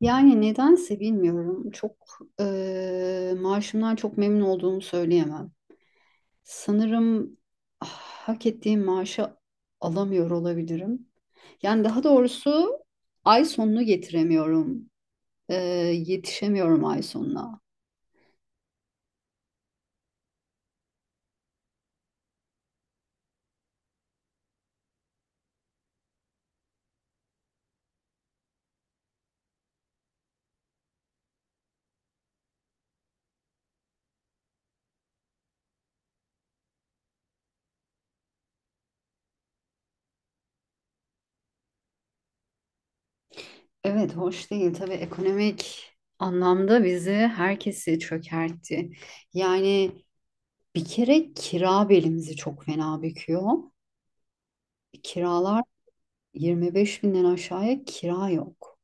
Yani nedense bilmiyorum. Çok maaşımdan çok memnun olduğumu söyleyemem. Sanırım ah, hak ettiğim maaşı alamıyor olabilirim. Yani daha doğrusu ay sonunu getiremiyorum. Eee, Yetişemiyorum ay sonuna. Evet, hoş değil. Tabii ekonomik anlamda bizi herkesi çökertti. Yani bir kere kira belimizi çok fena büküyor. Kiralar 25 binden aşağıya kira yok.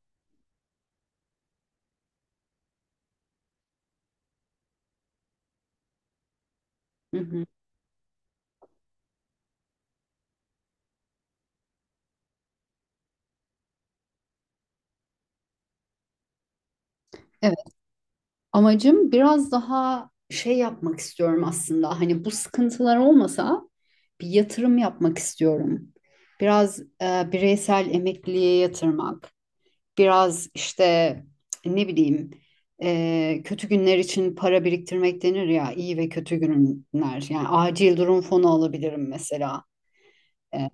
Hı hı. Evet, amacım biraz daha şey yapmak istiyorum aslında. Hani bu sıkıntılar olmasa bir yatırım yapmak istiyorum. Biraz bireysel emekliliğe yatırmak, biraz işte ne bileyim, kötü günler için para biriktirmek denir ya, iyi ve kötü günler. Yani acil durum fonu alabilirim mesela. Ee,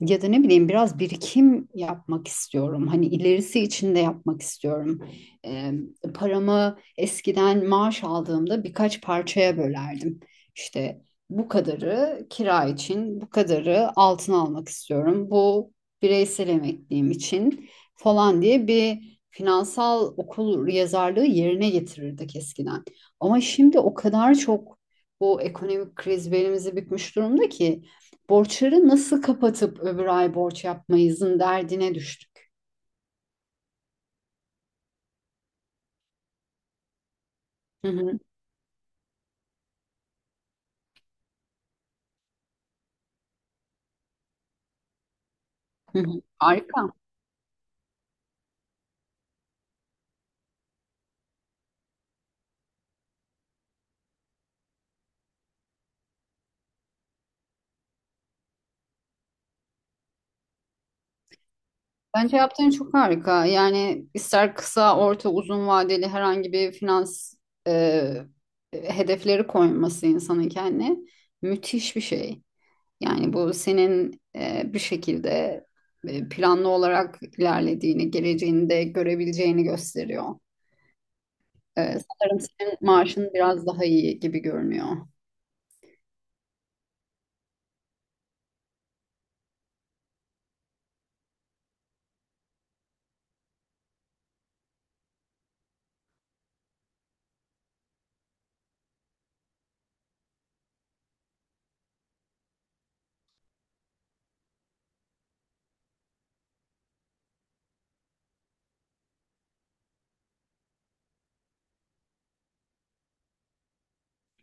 Ya da ne bileyim biraz birikim yapmak istiyorum. Hani ilerisi için de yapmak istiyorum. Ee, Paramı eskiden maaş aldığımda birkaç parçaya bölerdim. İşte bu kadarı kira için, bu kadarı altın almak istiyorum. Bu bireysel emekliliğim için falan diye bir finansal okul yazarlığı yerine getirirdik eskiden. Ama şimdi o kadar çok bu ekonomik kriz belimizi bükmüş durumda ki borçları nasıl kapatıp öbür ay borç yapmayızın derdine düştük. Hı hı, hı hı. Harika. Bence yaptığın çok harika. Yani ister kısa, orta, uzun vadeli herhangi bir finans e, hedefleri koyması insanın kendine müthiş bir şey. Yani bu senin, bir şekilde planlı olarak ilerlediğini, geleceğini de görebileceğini gösteriyor. Sanırım senin maaşın biraz daha iyi gibi görünüyor.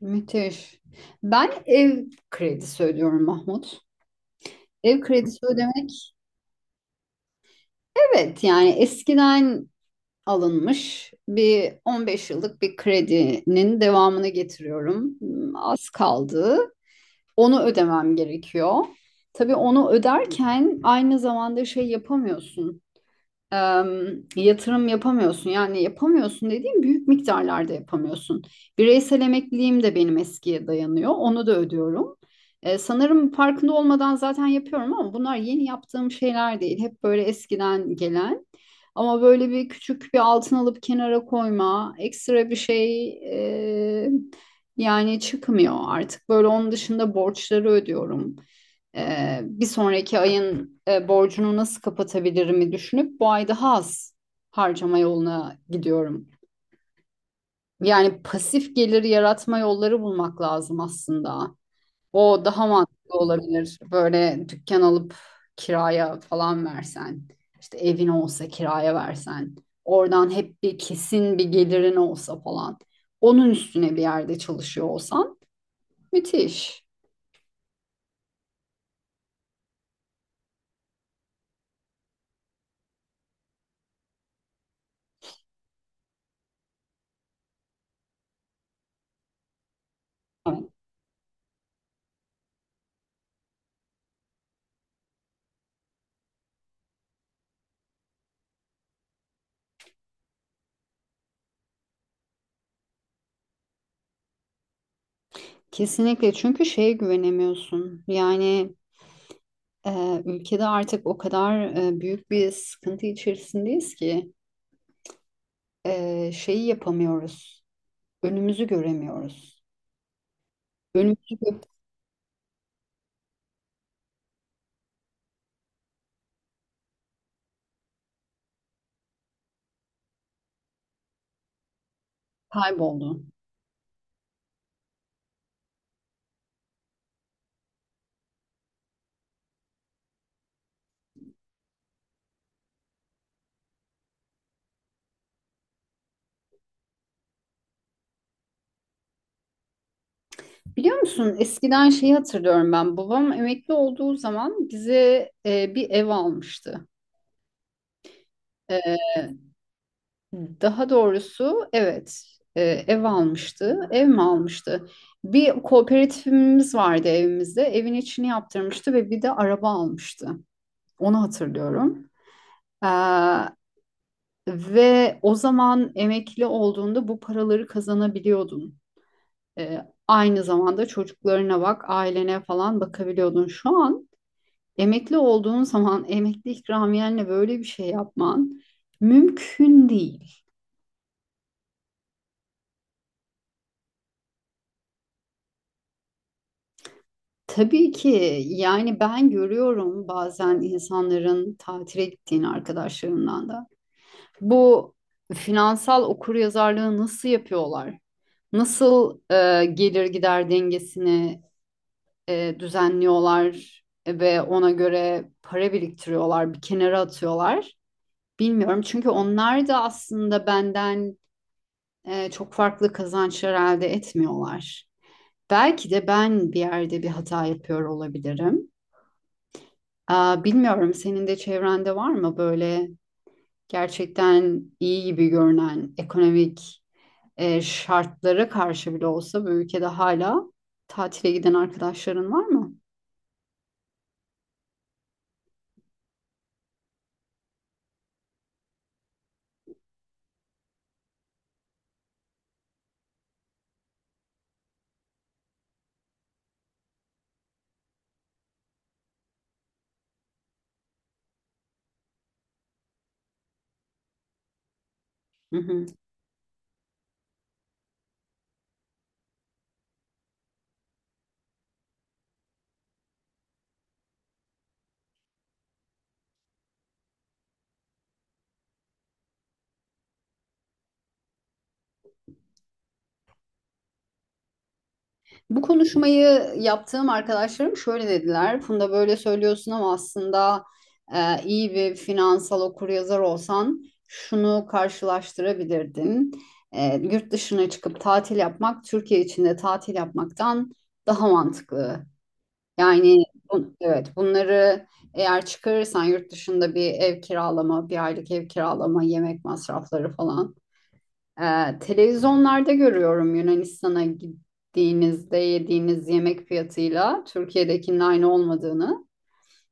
Müthiş. Ben ev kredisi ödüyorum Mahmut. Ev kredisi ödemek, evet yani eskiden alınmış bir 15 yıllık bir kredinin devamını getiriyorum. Hmm, az kaldı. Onu ödemem gerekiyor. Tabii onu öderken aynı zamanda şey yapamıyorsun. Yatırım yapamıyorsun. Yani yapamıyorsun dediğim, büyük miktarlarda yapamıyorsun. Bireysel emekliliğim de benim eskiye dayanıyor. Onu da ödüyorum. Sanırım farkında olmadan zaten yapıyorum, ama bunlar yeni yaptığım şeyler değil. Hep böyle eskiden gelen. Ama böyle bir küçük bir altın alıp kenara koyma, ekstra bir şey e, yani çıkmıyor artık. Böyle onun dışında borçları ödüyorum. Bir sonraki ayın borcunu nasıl kapatabilirimi düşünüp bu ay daha az harcama yoluna gidiyorum. Yani pasif gelir yaratma yolları bulmak lazım aslında. O daha mantıklı olabilir. Böyle dükkan alıp kiraya falan versen, işte evin olsa kiraya versen, oradan hep bir kesin bir gelirin olsa falan. Onun üstüne bir yerde çalışıyor olsan, müthiş. Evet, kesinlikle, çünkü şeye güvenemiyorsun. Yani ülkede artık o kadar büyük bir sıkıntı içerisindeyiz ki şeyi yapamıyoruz. Önümüzü göremiyoruz. Önümüzü gö- Kayboldu. Biliyor musun, eskiden şeyi hatırlıyorum ben. Babam emekli olduğu zaman bize bir ev almıştı. E, Daha doğrusu evet, ev almıştı. Ev mi almıştı? Bir kooperatifimiz vardı evimizde. Evin içini yaptırmıştı ve bir de araba almıştı. Onu hatırlıyorum. Ee, Ve o zaman emekli olduğunda bu paraları kazanabiliyordun. Ee, Aynı zamanda çocuklarına bak, ailene falan bakabiliyordun. Şu an emekli olduğun zaman emekli ikramiyenle böyle bir şey yapman mümkün değil. Tabii ki. Yani ben görüyorum bazen insanların tatile gittiğini arkadaşlarımdan da. Bu finansal okuryazarlığı nasıl yapıyorlar? Nasıl gelir gider dengesini düzenliyorlar ve ona göre para biriktiriyorlar, bir kenara atıyorlar. Bilmiyorum, çünkü onlar da aslında benden çok farklı kazançlar elde etmiyorlar. Belki de ben bir yerde bir hata yapıyor olabilirim. Bilmiyorum, senin de çevrende var mı böyle gerçekten iyi gibi görünen ekonomik şartlara karşı bile olsa bu ülkede hala tatile giden arkadaşların var mı? Hı hı. Bu konuşmayı yaptığım arkadaşlarım şöyle dediler: Funda, böyle söylüyorsun ama aslında iyi bir finansal okuryazar olsan şunu karşılaştırabilirdin. Yurt dışına çıkıp tatil yapmak Türkiye içinde tatil yapmaktan daha mantıklı. Yani evet, bunları eğer çıkarırsan yurt dışında bir ev kiralama, bir aylık ev kiralama, yemek masrafları falan. Televizyonlarda görüyorum Yunanistan'a gittiğinizde yediğiniz yemek fiyatıyla Türkiye'dekinin aynı olmadığını.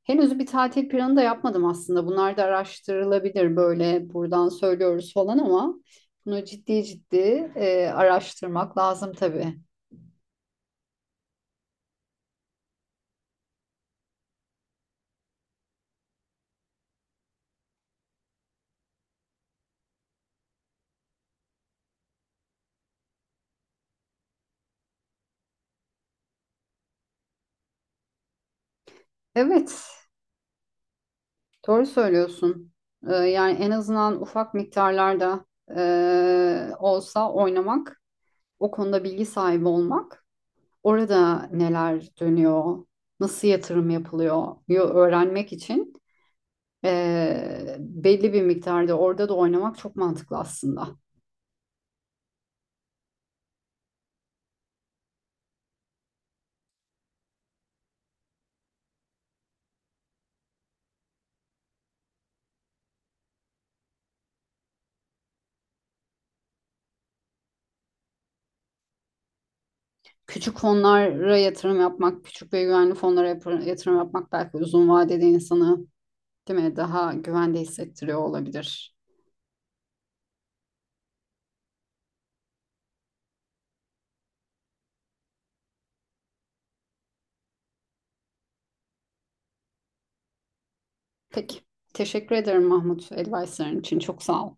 Henüz bir tatil planı da yapmadım aslında. Bunlar da araştırılabilir, böyle buradan söylüyoruz falan ama bunu ciddi ciddi araştırmak lazım tabii. Evet, doğru söylüyorsun. Yani en azından ufak miktarlarda olsa oynamak, o konuda bilgi sahibi olmak, orada neler dönüyor, nasıl yatırım yapılıyor öğrenmek için, belli bir miktarda orada da oynamak çok mantıklı aslında. Küçük fonlara yatırım yapmak, küçük ve güvenli fonlara yatırım yapmak belki uzun vadede insanı, değil mi, daha güvende hissettiriyor olabilir. Peki. Teşekkür ederim Mahmut, advice'ların için. Çok sağ ol.